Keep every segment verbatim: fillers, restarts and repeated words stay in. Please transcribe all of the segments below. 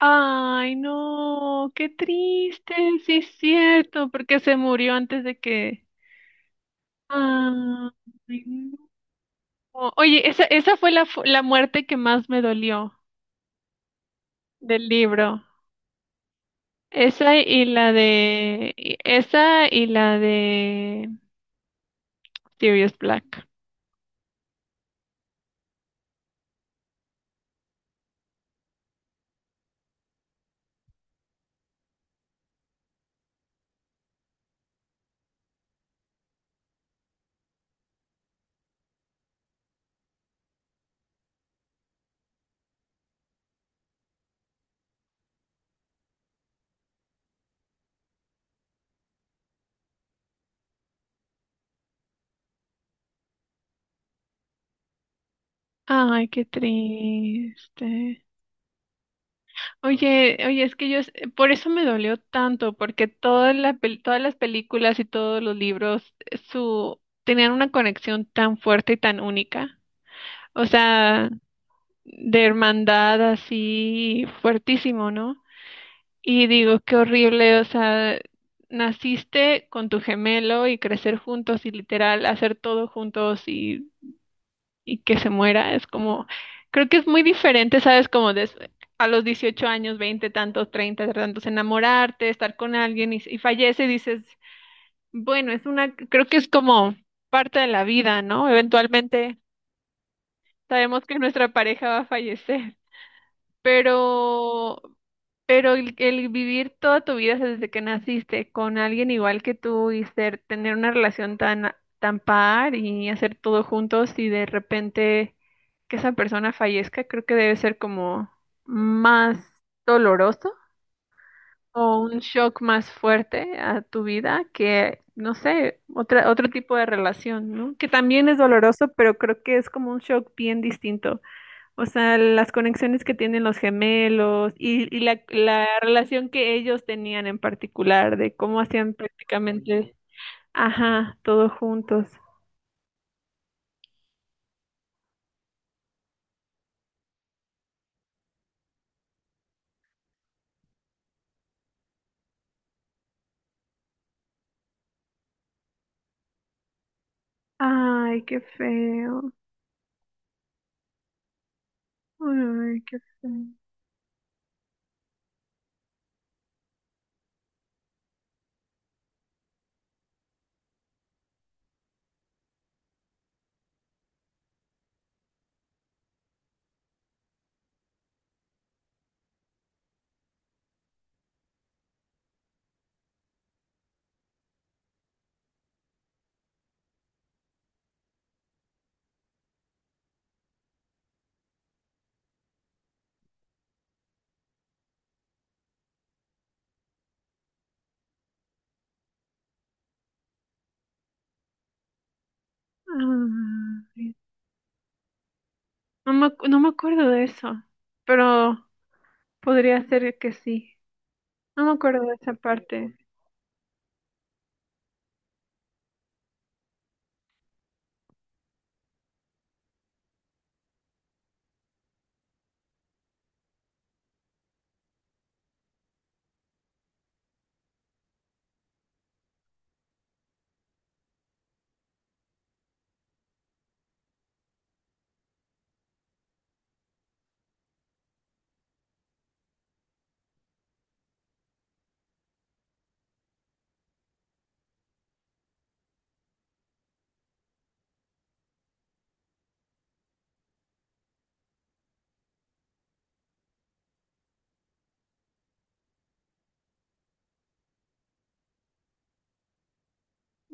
Ay, no, qué triste, sí es cierto, porque se murió antes de que... ah, Ay, no. Oye, esa, esa fue la, fu- la muerte que más me dolió del libro. Esa y la de... y- Esa y la de Sirius Black. Ay, qué triste. Oye, oye, es que yo, es- por eso me dolió tanto, porque todas las, todas las películas y todos los libros, eh, su, tenían una conexión tan fuerte y tan única. O sea, de hermandad así fuertísimo, ¿no? Y digo, qué horrible, o sea, naciste con tu gemelo y crecer juntos y literal hacer todo juntos y que se muera, es como, creo que es muy diferente, ¿sabes? Como des- a los dieciocho años, veinte tantos, treinta tantos, enamorarte, estar con alguien y, y fallece y dices, bueno, es una, creo que es como parte de la vida, ¿no? Eventualmente sabemos que nuestra pareja va a fallecer, pero pero el, el vivir toda tu vida desde que naciste con alguien igual que tú y ser, tener una relación tan, tan par y hacer todo juntos y de repente que esa persona fallezca, creo que debe ser como más doloroso o un shock más fuerte a tu vida que, no sé, otra, otro tipo de relación, ¿no? Que también es doloroso, pero creo que es como un shock bien distinto. O sea, las conexiones que tienen los gemelos y, y la, la relación que ellos tenían en particular, de cómo hacían prácticamente, ajá, todos juntos. Ay, qué feo. Ay, qué feo. Ay. No me, acu- no me acuerdo de eso, pero podría ser que sí. No me acuerdo de esa parte.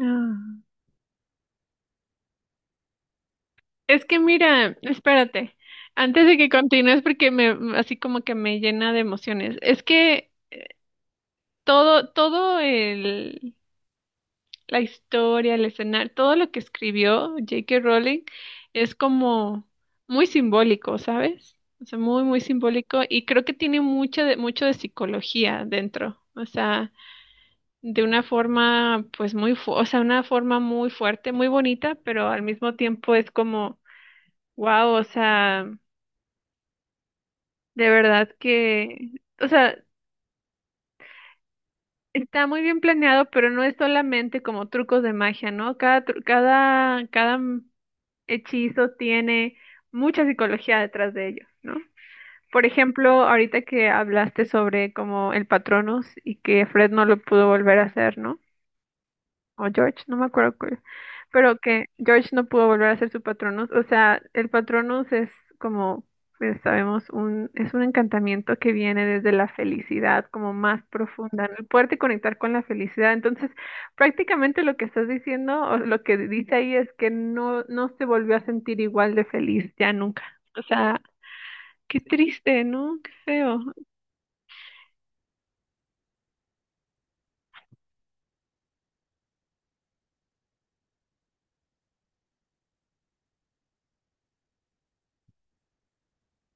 Ah. Es que mira, espérate, antes de que continúes, porque me, así como que me llena de emociones. Es que todo, todo el, la historia, el escenario, todo lo que escribió jota ka. Rowling es como muy simbólico, ¿sabes? O sea, muy, muy simbólico y creo que tiene mucho de, mucho de psicología dentro, o sea, de una forma, pues muy, fu- o sea, una forma muy fuerte, muy bonita, pero al mismo tiempo es como, wow, o sea, de verdad que, o sea, está muy bien planeado, pero no es solamente como trucos de magia, ¿no? Cada, tru- cada, cada mm, hechizo tiene mucha psicología detrás de ellos, ¿no? Por ejemplo, ahorita que hablaste sobre como el Patronus y que Fred no lo pudo volver a hacer, ¿no? O George, no me acuerdo cuál, pero que George no pudo volver a ser su Patronus. O sea, el Patronus es como, pues, sabemos, un, es un encantamiento que viene desde la felicidad, como más profunda, ¿no? El poderte conectar con la felicidad. Entonces, prácticamente lo que estás diciendo, o lo que dice ahí es que no, no se volvió a sentir igual de feliz ya nunca. O sea, qué triste, ¿no? Qué feo.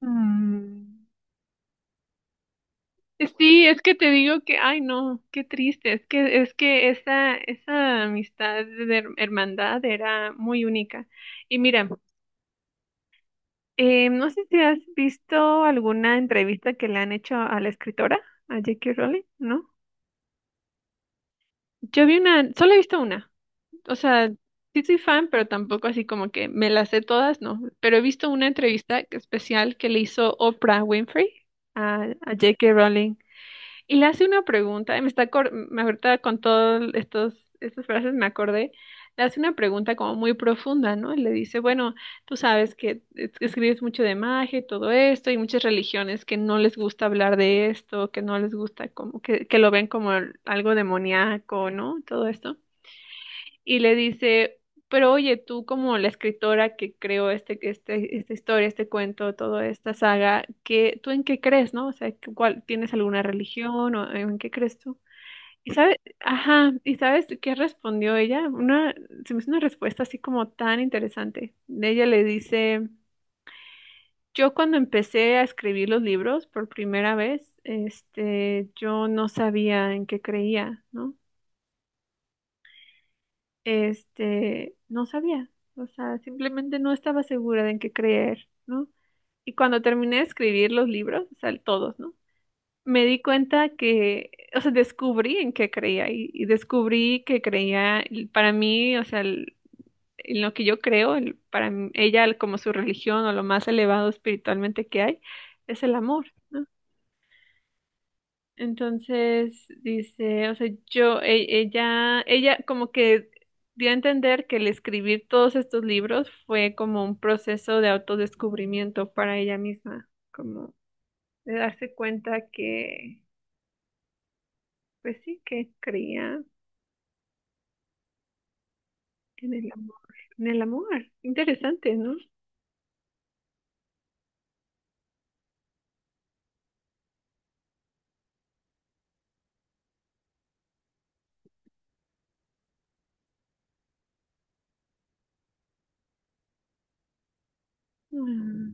Mm. Sí, es que te digo que, ay no, qué triste, es que, es que esa, esa amistad de her- hermandad era muy única. Y mira, eh, no sé si has visto alguna entrevista que le han hecho a la escritora, a jota ka. Rowling, ¿no? Yo vi una, solo he visto una, o sea, sí soy fan, pero tampoco así como que me las sé todas, no, pero he visto una entrevista especial que le hizo Oprah Winfrey a, a jota ka. Rowling. Y le hace una pregunta, y me está acor- me ahorita con todas estos estas frases me acordé, le hace una pregunta como muy profunda, ¿no? Y le dice, bueno, tú sabes que es- escribes mucho de magia y todo esto, y muchas religiones que no les gusta hablar de esto, que no les gusta como que, que lo ven como algo demoníaco, ¿no? Todo esto y le dice, pero oye, tú como la escritora que creó este, este, esta historia, este cuento, toda esta saga, ¿qué, tú en qué crees, no? O sea, ¿cu- ¿cuál, tienes alguna religión o en qué crees tú? Y sabes, ajá, ¿y sabes qué respondió ella? Una, se me hizo una respuesta así como tan interesante. Ella le dice, yo cuando empecé a escribir los libros por primera vez, este, yo no sabía en qué creía, ¿no? Este, no sabía, o sea, simplemente no estaba segura de en qué creer, ¿no? Y cuando terminé de escribir los libros, o sea, todos, ¿no? Me di cuenta que, o sea, descubrí en qué creía y, y descubrí que creía, y para mí, o sea, el- en lo que yo creo, el- para m- ella el- como su religión o lo más elevado espiritualmente que hay, es el amor. Entonces dice, o sea, yo, e- ella, ella como que dio a entender que el escribir todos estos libros fue como un proceso de autodescubrimiento para ella misma, como de darse cuenta que, pues sí, que creía en el amor, en el amor. Interesante, ¿no? Mm,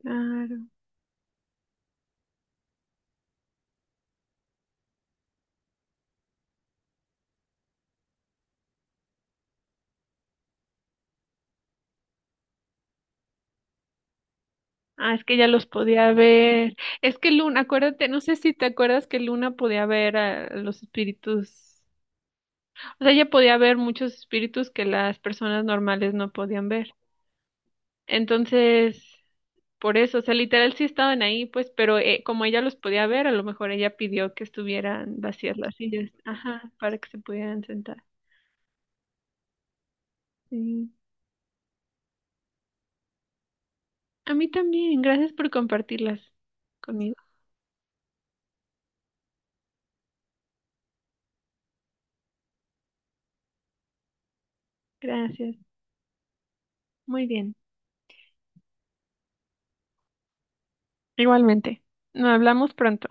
claro. Ah, es que ella los podía ver. Es que Luna, acuérdate, no sé si te acuerdas que Luna podía ver a los espíritus. O sea, ella podía ver muchos espíritus que las personas normales no podían ver. Entonces, por eso, o sea, literal sí estaban ahí, pues, pero eh, como ella los podía ver, a lo mejor ella pidió que estuvieran vacías las sillas, ajá, para que se pudieran sentar. Sí. A mí también, gracias por compartirlas conmigo. Gracias. Muy bien. Igualmente. Nos hablamos pronto.